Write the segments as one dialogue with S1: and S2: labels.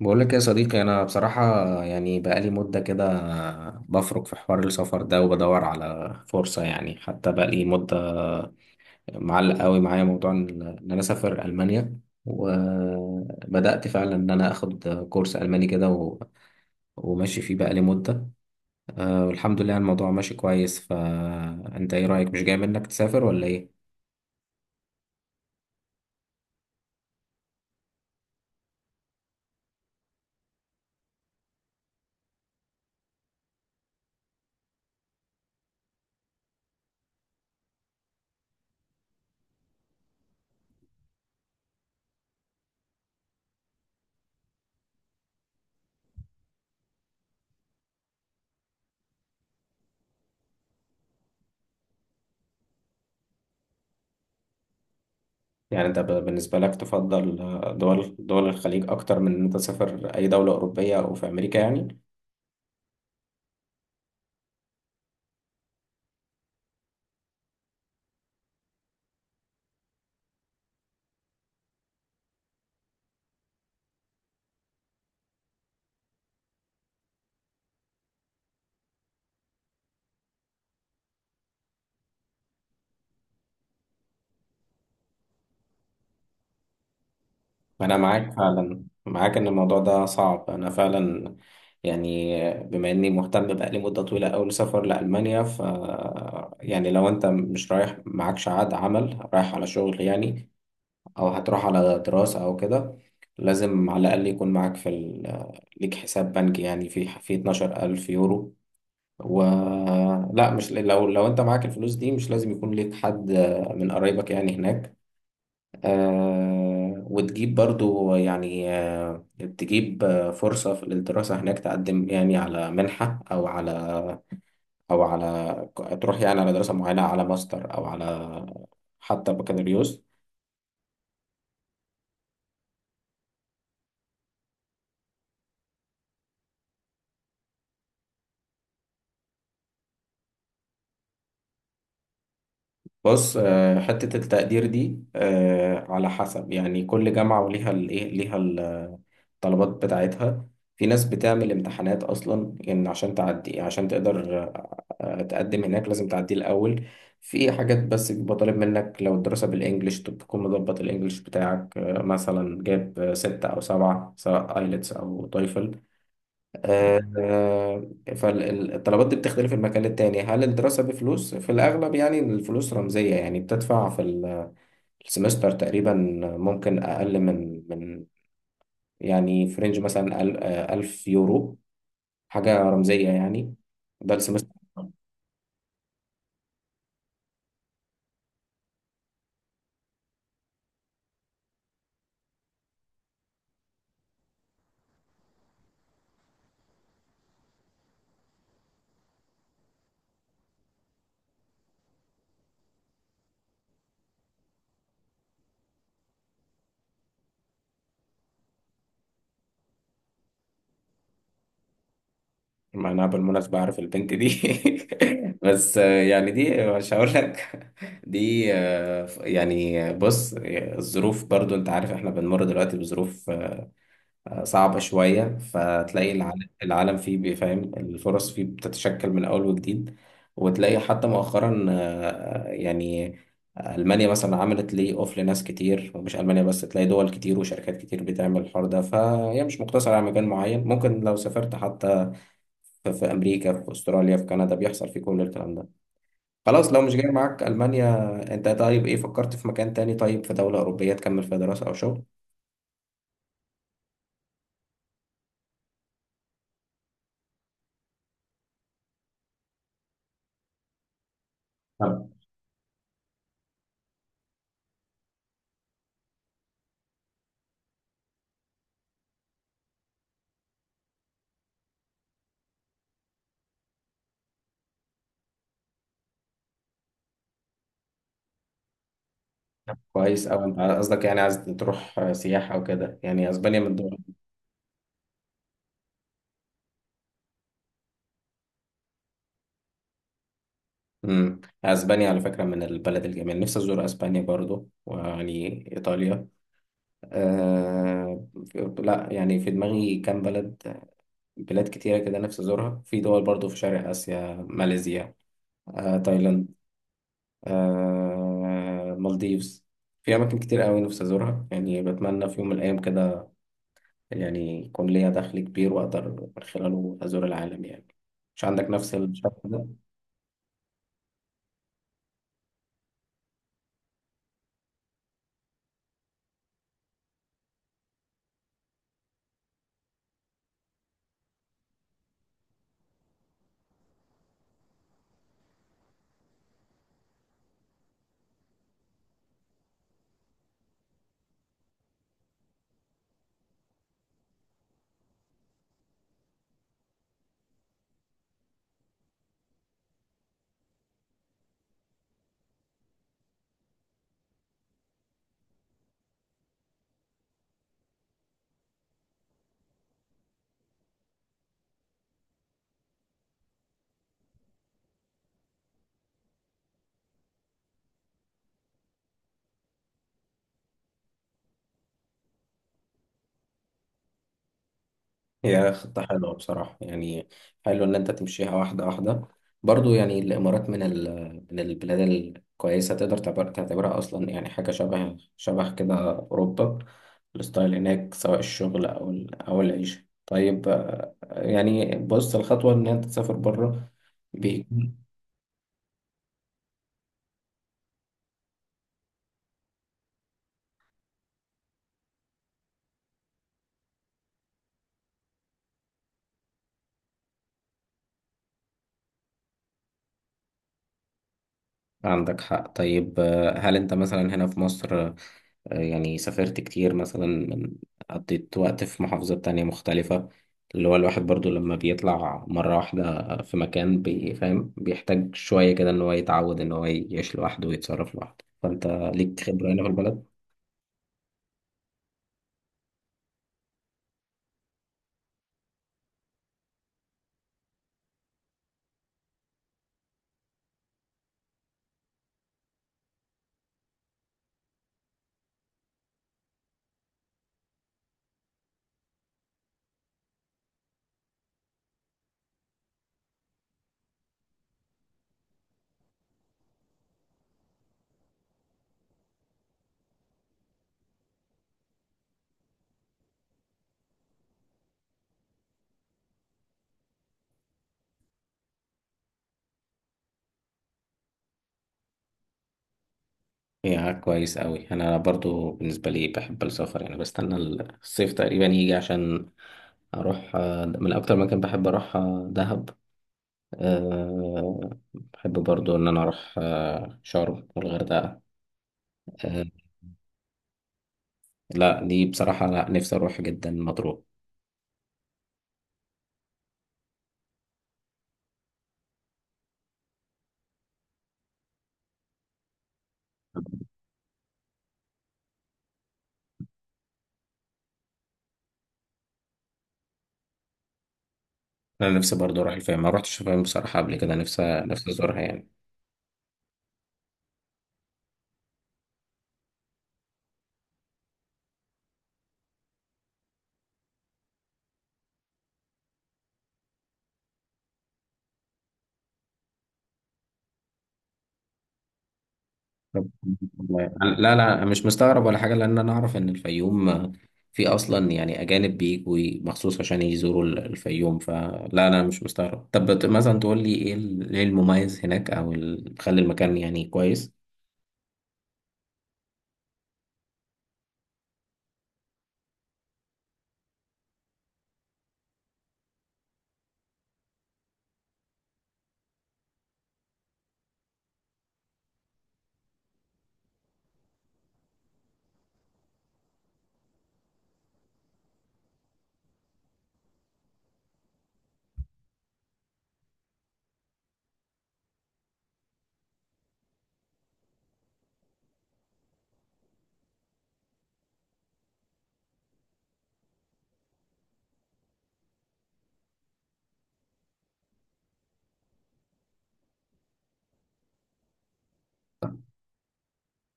S1: بقول لك يا صديقي، انا بصراحه يعني بقالي مده كده بفرك في حوار السفر ده وبدور على فرصه. يعني حتى بقالي مده معلق قوي معايا موضوع إن انا اسافر المانيا، وبدات فعلا ان انا اخد كورس الماني كده وماشي فيه بقالي مده. آه، والحمد لله الموضوع ماشي كويس. فانت ايه رايك؟ مش جاي منك تسافر ولا ايه؟ يعني انت بالنسبه لك تفضل دول الخليج اكتر من ان انت تسافر اي دوله اوروبيه او في امريكا يعني؟ أنا معاك فعلا، معاك إن الموضوع ده صعب. أنا فعلا يعني بما إني مهتم بقالي مدة طويلة أوي سفر لألمانيا، ف يعني لو أنت مش رايح معكش عقد عمل، رايح على شغل يعني أو هتروح على دراسة أو كده، لازم على الأقل يكون معاك في ال... ليك حساب بنكي يعني في 12,000 يورو. و لا، مش لو لو أنت معاك الفلوس دي مش لازم يكون ليك حد من قرايبك يعني هناك. آه، وتجيب برضو يعني آه تجيب آه فرصة في الدراسة هناك، تقدم يعني على منحة أو على أو على تروح يعني على دراسة معينة على ماستر أو على حتى بكالوريوس. بص، آه حتة التقدير دي آه على حسب، يعني كل جامعة وليها الإيه ليها الطلبات بتاعتها. في ناس بتعمل امتحانات اصلا يعني عشان تعدي، عشان تقدر تقدم هناك لازم تعدي الاول. في حاجات بس بيبقى طالب منك، لو الدراسة بالانجلش تكون مضبط الانجليش بتاعك، مثلا جاب ستة او سبعة، سواء ايلتس او تويفل. فالطلبات دي بتختلف من مكان للتاني. هل الدراسة بفلوس؟ في الأغلب يعني الفلوس رمزية، يعني بتدفع في السمستر تقريبا. ممكن أقل من يعني في رينج مثلا 1000 يورو، حاجة رمزية يعني. ده السمستر. أنا بالمناسبة عارف البنت دي بس، يعني دي مش هقول لك. دي يعني بص، الظروف برضو أنت عارف إحنا بنمر دلوقتي بظروف صعبة شوية. فتلاقي العالم فيه بيفهم، الفرص فيه بتتشكل من أول وجديد. وتلاقي حتى مؤخرا، يعني ألمانيا مثلا عملت لي أوف لناس كتير، ومش ألمانيا بس، تلاقي دول كتير وشركات كتير بتعمل الحوار ده. فهي مش مقتصرة على مكان معين، ممكن لو سافرت حتى في أمريكا، في أستراليا، في كندا بيحصل في كل الكلام ده. خلاص، لو مش جاي معاك ألمانيا، أنت طيب إيه فكرت في مكان تاني؟ طيب في دولة أوروبية تكمل فيها دراسة أو شغل؟ كويس أوي. أنت قصدك يعني عايز تروح سياحة أو كده يعني؟ أسبانيا من الدول. امم، أسبانيا على فكرة من البلد الجميل، نفسي أزور أسبانيا برضو، ويعني إيطاليا آه... لا يعني في دماغي كام بلد، بلاد كتيرة كده نفسي أزورها. في دول برضو في شرق آسيا، ماليزيا آه... تايلاند آه... مالديفز. في أماكن كتير أوي نفسي أزورها يعني، بتمنى في يوم من الأيام كده يعني يكون ليا دخل كبير وأقدر من خلاله أزور العالم يعني. مش عندك نفس الشرط؟ هي خطة حلوة بصراحة يعني. حلو إن أنت تمشيها واحدة واحدة. برضو يعني الإمارات من ال... من البلاد الكويسة، تقدر تعتبرها أصلا يعني حاجة شبه كده أوروبا. الستايل هناك سواء الشغل أو ال... أو العيشة طيب. يعني بص الخطوة إن أنت تسافر بره. عندك حق. طيب، هل انت مثلا هنا في مصر، يعني سافرت كتير مثلا من قضيت وقت في محافظة تانية مختلفة؟ اللي هو الواحد برضو لما بيطلع مرة واحدة في مكان بيفهم بيحتاج شوية كده ان هو يتعود ان هو يعيش لوحده ويتصرف لوحده. فانت ليك خبرة هنا في البلد؟ يا كويس قوي. انا برضو بالنسبة لي بحب السفر يعني، بستنى الصيف تقريبا يجي عشان اروح. من اكتر مكان بحب اروح دهب. أه، بحب برضو إن أنا أروح شرم والغردقة. أه. لا دي بصراحة، لا نفسي أروح جدا مطروح. أنا نفسي برضو أروح الفيوم، ما روحتش الفيوم بصراحة قبل كده. نفسي أزورها يعني. طب- والله. لا لا مش مستغرب ولا حاجة، لأن أنا أعرف إن الفيوم في أصلا يعني أجانب بيجوا مخصوص عشان يزوروا الفيوم، فلا لا مش مستغرب. طب مثلا تقول لي إيه إيه المميز هناك أو اللي مخلي المكان يعني كويس؟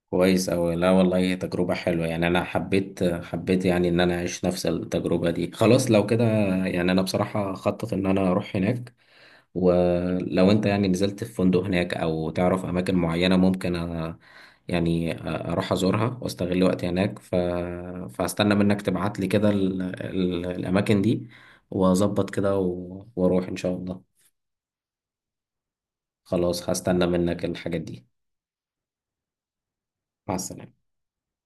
S1: كويس أوي. لا والله هي تجربة حلوة يعني، أنا حبيت يعني إن أنا أعيش نفس التجربة دي. خلاص لو كده يعني أنا بصراحة خطط إن أنا أروح هناك. ولو أنت يعني نزلت في فندق هناك أو تعرف أماكن معينة، ممكن أ... يعني أروح أزورها وأستغل وقتي هناك ف... فأستنى منك تبعت لي كده ال... ال... الأماكن دي، وأظبط كده و... وأروح إن شاء الله. خلاص هستنى منك الحاجات دي. مع السلامة.